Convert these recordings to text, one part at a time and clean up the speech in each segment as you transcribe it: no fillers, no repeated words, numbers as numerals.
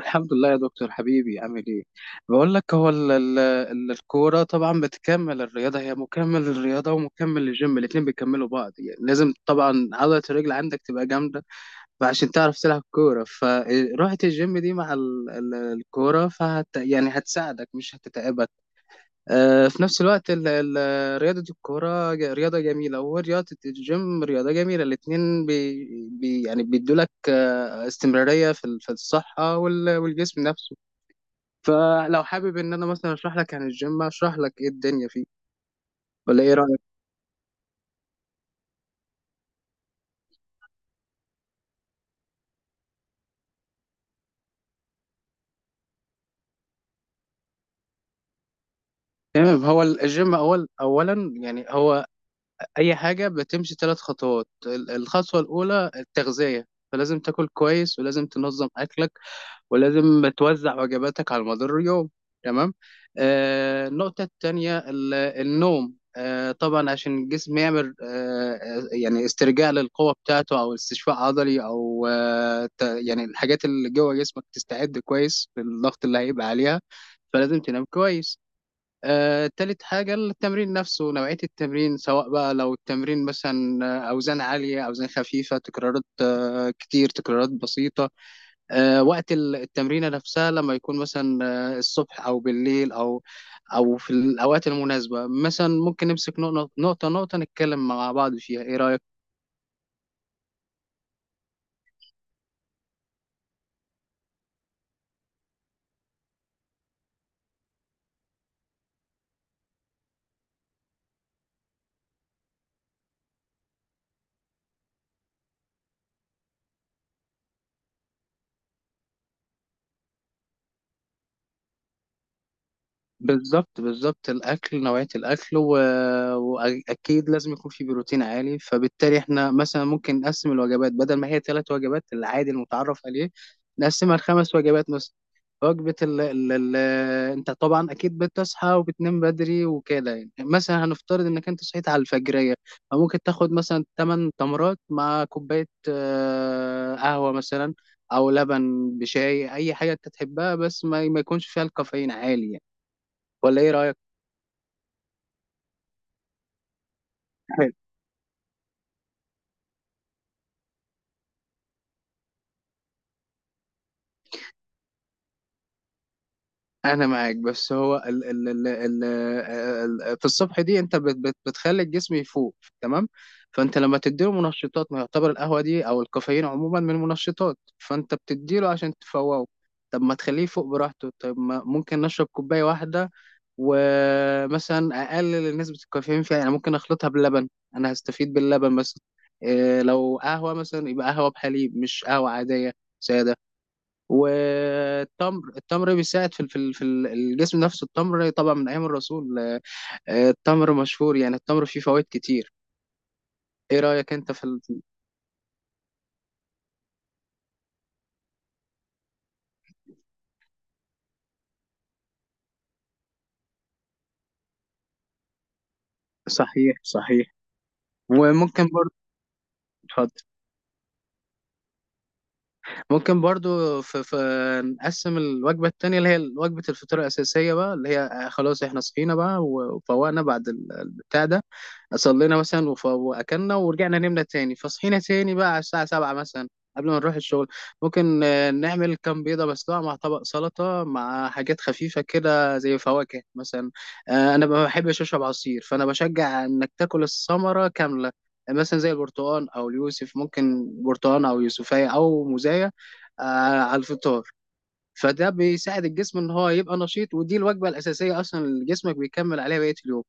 الحمد لله يا دكتور حبيبي، عامل ايه؟ بقول لك هو الكوره طبعا بتكمل الرياضه، هي مكمل للرياضه ومكمل للجيم، الاتنين بيكملوا بعض يعني. لازم طبعا عضله الرجل عندك تبقى جامده، فعشان تعرف تلعب كوره، فروحة الجيم دي مع ال ال الكوره فهت يعني هتساعدك، مش هتتعبك. في نفس الوقت ال رياضه الكوره رياضه جميله، ورياضه الجيم رياضه جميله، الاتنين بي بي يعني بيدولك استمراريه في في الصحه والجسم نفسه. فلو حابب ان انا مثلا اشرح لك عن الجيم، اشرح لك ايه الدنيا فيه، ولا ايه رايك؟ تمام، هو الجيم اولا يعني هو اي حاجه بتمشي 3 خطوات، الخطوه الاولى التغذيه، فلازم تاكل كويس، ولازم تنظم اكلك، ولازم توزع وجباتك على مدار اليوم. تمام. النقطة التانية النوم، طبعا عشان الجسم يعمل يعني استرجاع للقوة بتاعته، أو استشفاء عضلي، أو يعني الحاجات اللي جوه جسمك تستعد كويس للضغط اللي هيبقى عليها، فلازم تنام كويس. تالت حاجة التمرين نفسه، نوعية التمرين، سواء بقى لو التمرين مثلا أوزان عالية، أوزان خفيفة، تكرارات كتير، تكرارات بسيطة، وقت التمرينة نفسها لما يكون مثلا الصبح أو بالليل، أو في الأوقات المناسبة. مثلا ممكن نمسك نقطة نقطة نقطة، نتكلم مع بعض فيها. إيه رأيك؟ بالظبط بالظبط، الاكل، نوعيه الاكل واكيد لازم يكون في بروتين عالي، فبالتالي احنا مثلا ممكن نقسم الوجبات بدل ما هي 3 وجبات العادي المتعرف عليه، نقسمها لـ 5 وجبات مثلا. وجبه انت طبعا اكيد بتصحى وبتنام بدري وكده يعني، مثلا هنفترض انك انت صحيت على الفجريه، فممكن تاخد مثلا 8 تمرات مع كوبايه قهوه مثلا، او لبن بشاي، اي حاجه انت تحبها، بس ما يكونش فيها الكافيين عالي يعني. ولا ايه رايك؟ انا معاك، بس هو ال في الصبح دي انت بت بت بتخلي الجسم يفوق، تمام. فانت لما تديله منشطات، ما يعتبر القهوه دي او الكافيين عموما من منشطات، فانت بتديله عشان تفوقه. طب ما تخليه يفوق براحته، طب ما ممكن نشرب كوبايه واحده، ومثلا اقلل نسبه الكافيين فيها، يعني ممكن اخلطها باللبن، انا هستفيد باللبن مثلا. إيه لو قهوه مثلا، يبقى قهوه بحليب مش قهوه عاديه ساده. والتمر، بيساعد في الجسم نفسه. التمر طبعا من ايام الرسول، التمر مشهور يعني، التمر فيه فوائد كتير. ايه رايك انت في صحيح صحيح. وممكن برضه... اتفضل. ممكن برضو في في نقسم الوجبة التانية اللي هي وجبة الفطار الأساسية بقى، اللي هي خلاص احنا صحينا بقى وفوقنا بعد البتاع ده، صلينا مثلا وأكلنا ورجعنا نمنا تاني، فصحينا تاني بقى على الساعة 7 مثلا قبل ما نروح الشغل. ممكن نعمل كام بيضة مسلوقة مع طبق سلطة مع حاجات خفيفة كده زي فواكه مثلا. أنا ما بحبش أشرب عصير، فأنا بشجع إنك تاكل الثمرة كاملة، مثلا زي البرتقال أو اليوسف، ممكن برتقال أو يوسفية أو موزاية آه، على الفطار. فده بيساعد الجسم ان هو يبقى نشيط، ودي الوجبه الاساسيه اصلا اللي جسمك بيكمل عليها بقيه اليوم.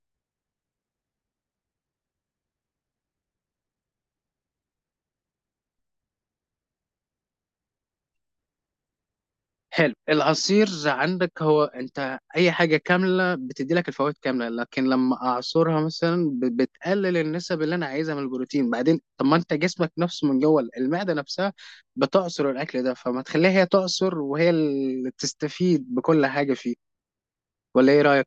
حلو، العصير عندك، هو انت اي حاجه كامله بتدي لك الفوائد كامله، لكن لما اعصرها مثلا بتقلل النسب اللي انا عايزها من البروتين. بعدين طب ما انت جسمك نفسه من جوه المعده نفسها بتعصر الاكل ده، فما تخليها هي تعصر وهي اللي تستفيد بكل حاجه فيه. ولا ايه رايك؟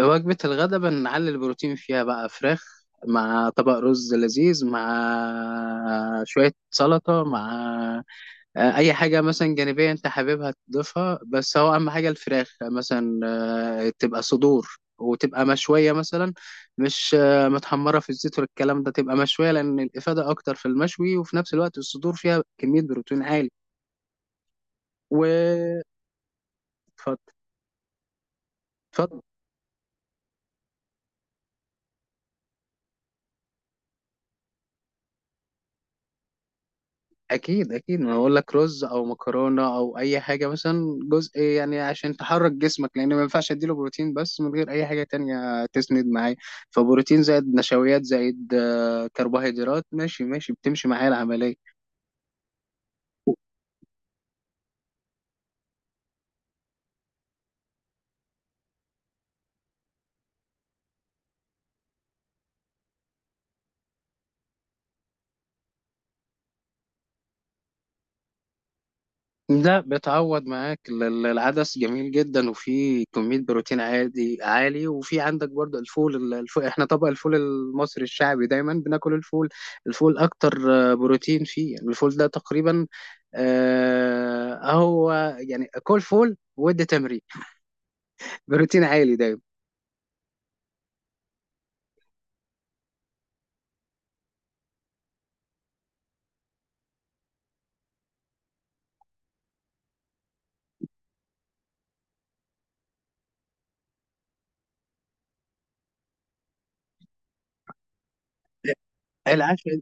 وجبة الغداء بنعلي البروتين فيها بقى، فراخ مع طبق رز لذيذ مع شوية سلطة مع أي حاجة مثلا جانبية أنت حاببها تضيفها، بس هو أهم حاجة الفراخ مثلا تبقى صدور، وتبقى مشوية مثلا، مش متحمرة في الزيت والكلام ده، تبقى مشوية لأن الإفادة أكتر في المشوي، وفي نفس الوقت الصدور فيها كمية بروتين عالي. و... اتفضل. اتفضل. اكيد اكيد، ما اقول لك رز او مكرونه او اي حاجه مثلا، جزء يعني عشان تحرك جسمك، لان ما ينفعش اديله بروتين بس من غير اي حاجه تانية تسند معاه. فبروتين زائد نشويات زائد كربوهيدرات، ماشي ماشي، بتمشي معايا العمليه. لا، بتعوض معاك العدس جميل جدا، وفيه كمية بروتين عادي عالي، وفي عندك برضه الفول، الفول احنا طبق الفول المصري الشعبي دايما بناكل الفول، الفول اكتر بروتين فيه يعني، الفول ده تقريبا هو يعني كل فول، ودي تمرين بروتين عالي دايما. العشاء،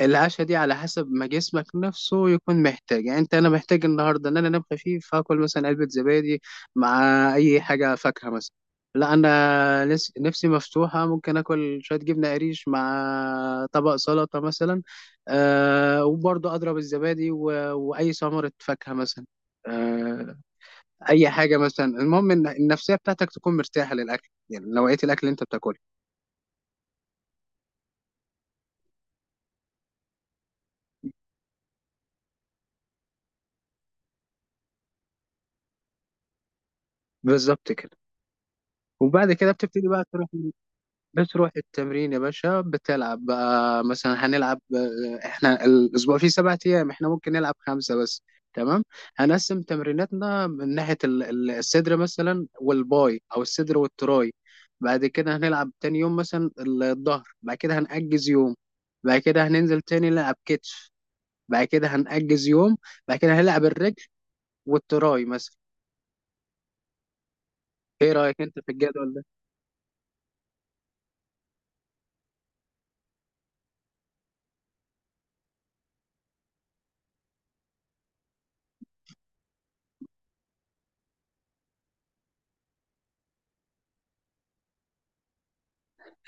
دي على حسب ما جسمك نفسه يكون محتاج، يعني انت انا محتاج النهارده ان انا انام خفيف، فاكل مثلا علبه زبادي مع اي حاجه فاكهه مثلا. لا انا نفسي مفتوحه، ممكن اكل شويه جبنه قريش مع طبق سلطه مثلا. وبرضه اضرب الزبادي واي ثمره فاكهه مثلا. أه اي حاجه مثلا، المهم ان النفسيه بتاعتك تكون مرتاحه للاكل، يعني نوعيه الاكل اللي انت بتاكله. بالظبط كده. وبعد كده بتبتدي بقى بتروح التمرين يا باشا، بتلعب بقى مثلا. هنلعب احنا الاسبوع فيه 7 ايام، احنا ممكن نلعب 5 بس. تمام. هنقسم تمريناتنا من ناحيه الصدر مثلا والباي، او الصدر والتراي. بعد كده هنلعب تاني يوم مثلا الظهر، بعد كده هنأجز يوم. بعد كده هننزل تاني نلعب كتف، بعد كده هنأجز يوم، بعد كده هنلعب الرجل والتراي مثلا. ايه رأيك انت في الجدول ده؟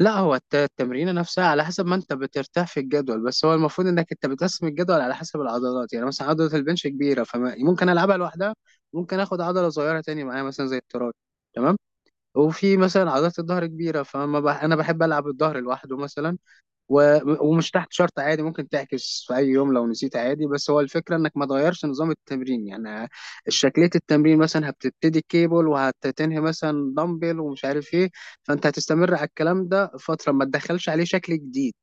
لا هو التمرينة نفسها على حسب ما انت بترتاح في الجدول، بس هو المفروض انك انت بتقسم الجدول على حسب العضلات، يعني مثلا عضلة البنش كبيرة فممكن العبها لوحدها، ممكن اخد عضلة صغيرة تاني معايا مثلا زي التراي. تمام. وفي مثلا عضلة الظهر كبيرة، فما انا بحب العب الظهر لوحده مثلا و- ومش تحت شرط، عادي ممكن تعكس في اي يوم لو نسيت عادي، بس هو الفكره انك ما تغيرش نظام التمرين يعني، شكليه التمرين مثلا هبتبتدي كيبل وهتنهي مثلا دمبل ومش عارف ايه، فانت هتستمر على الكلام ده فتره، ما تدخلش عليه شكل جديد.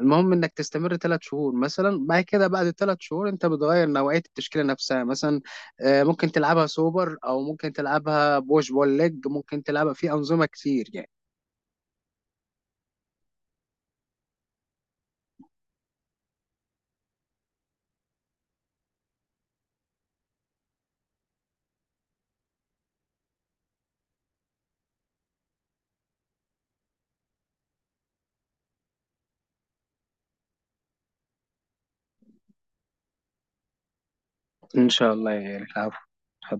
المهم انك تستمر 3 شهور مثلا، بعد كده بعد 3 شهور انت بتغير نوعيه التشكيله نفسها مثلا، ممكن تلعبها سوبر، او ممكن تلعبها بوش بول ليج، ممكن تلعبها في انظمه كتير يعني. ان شاء الله يعني، العفو.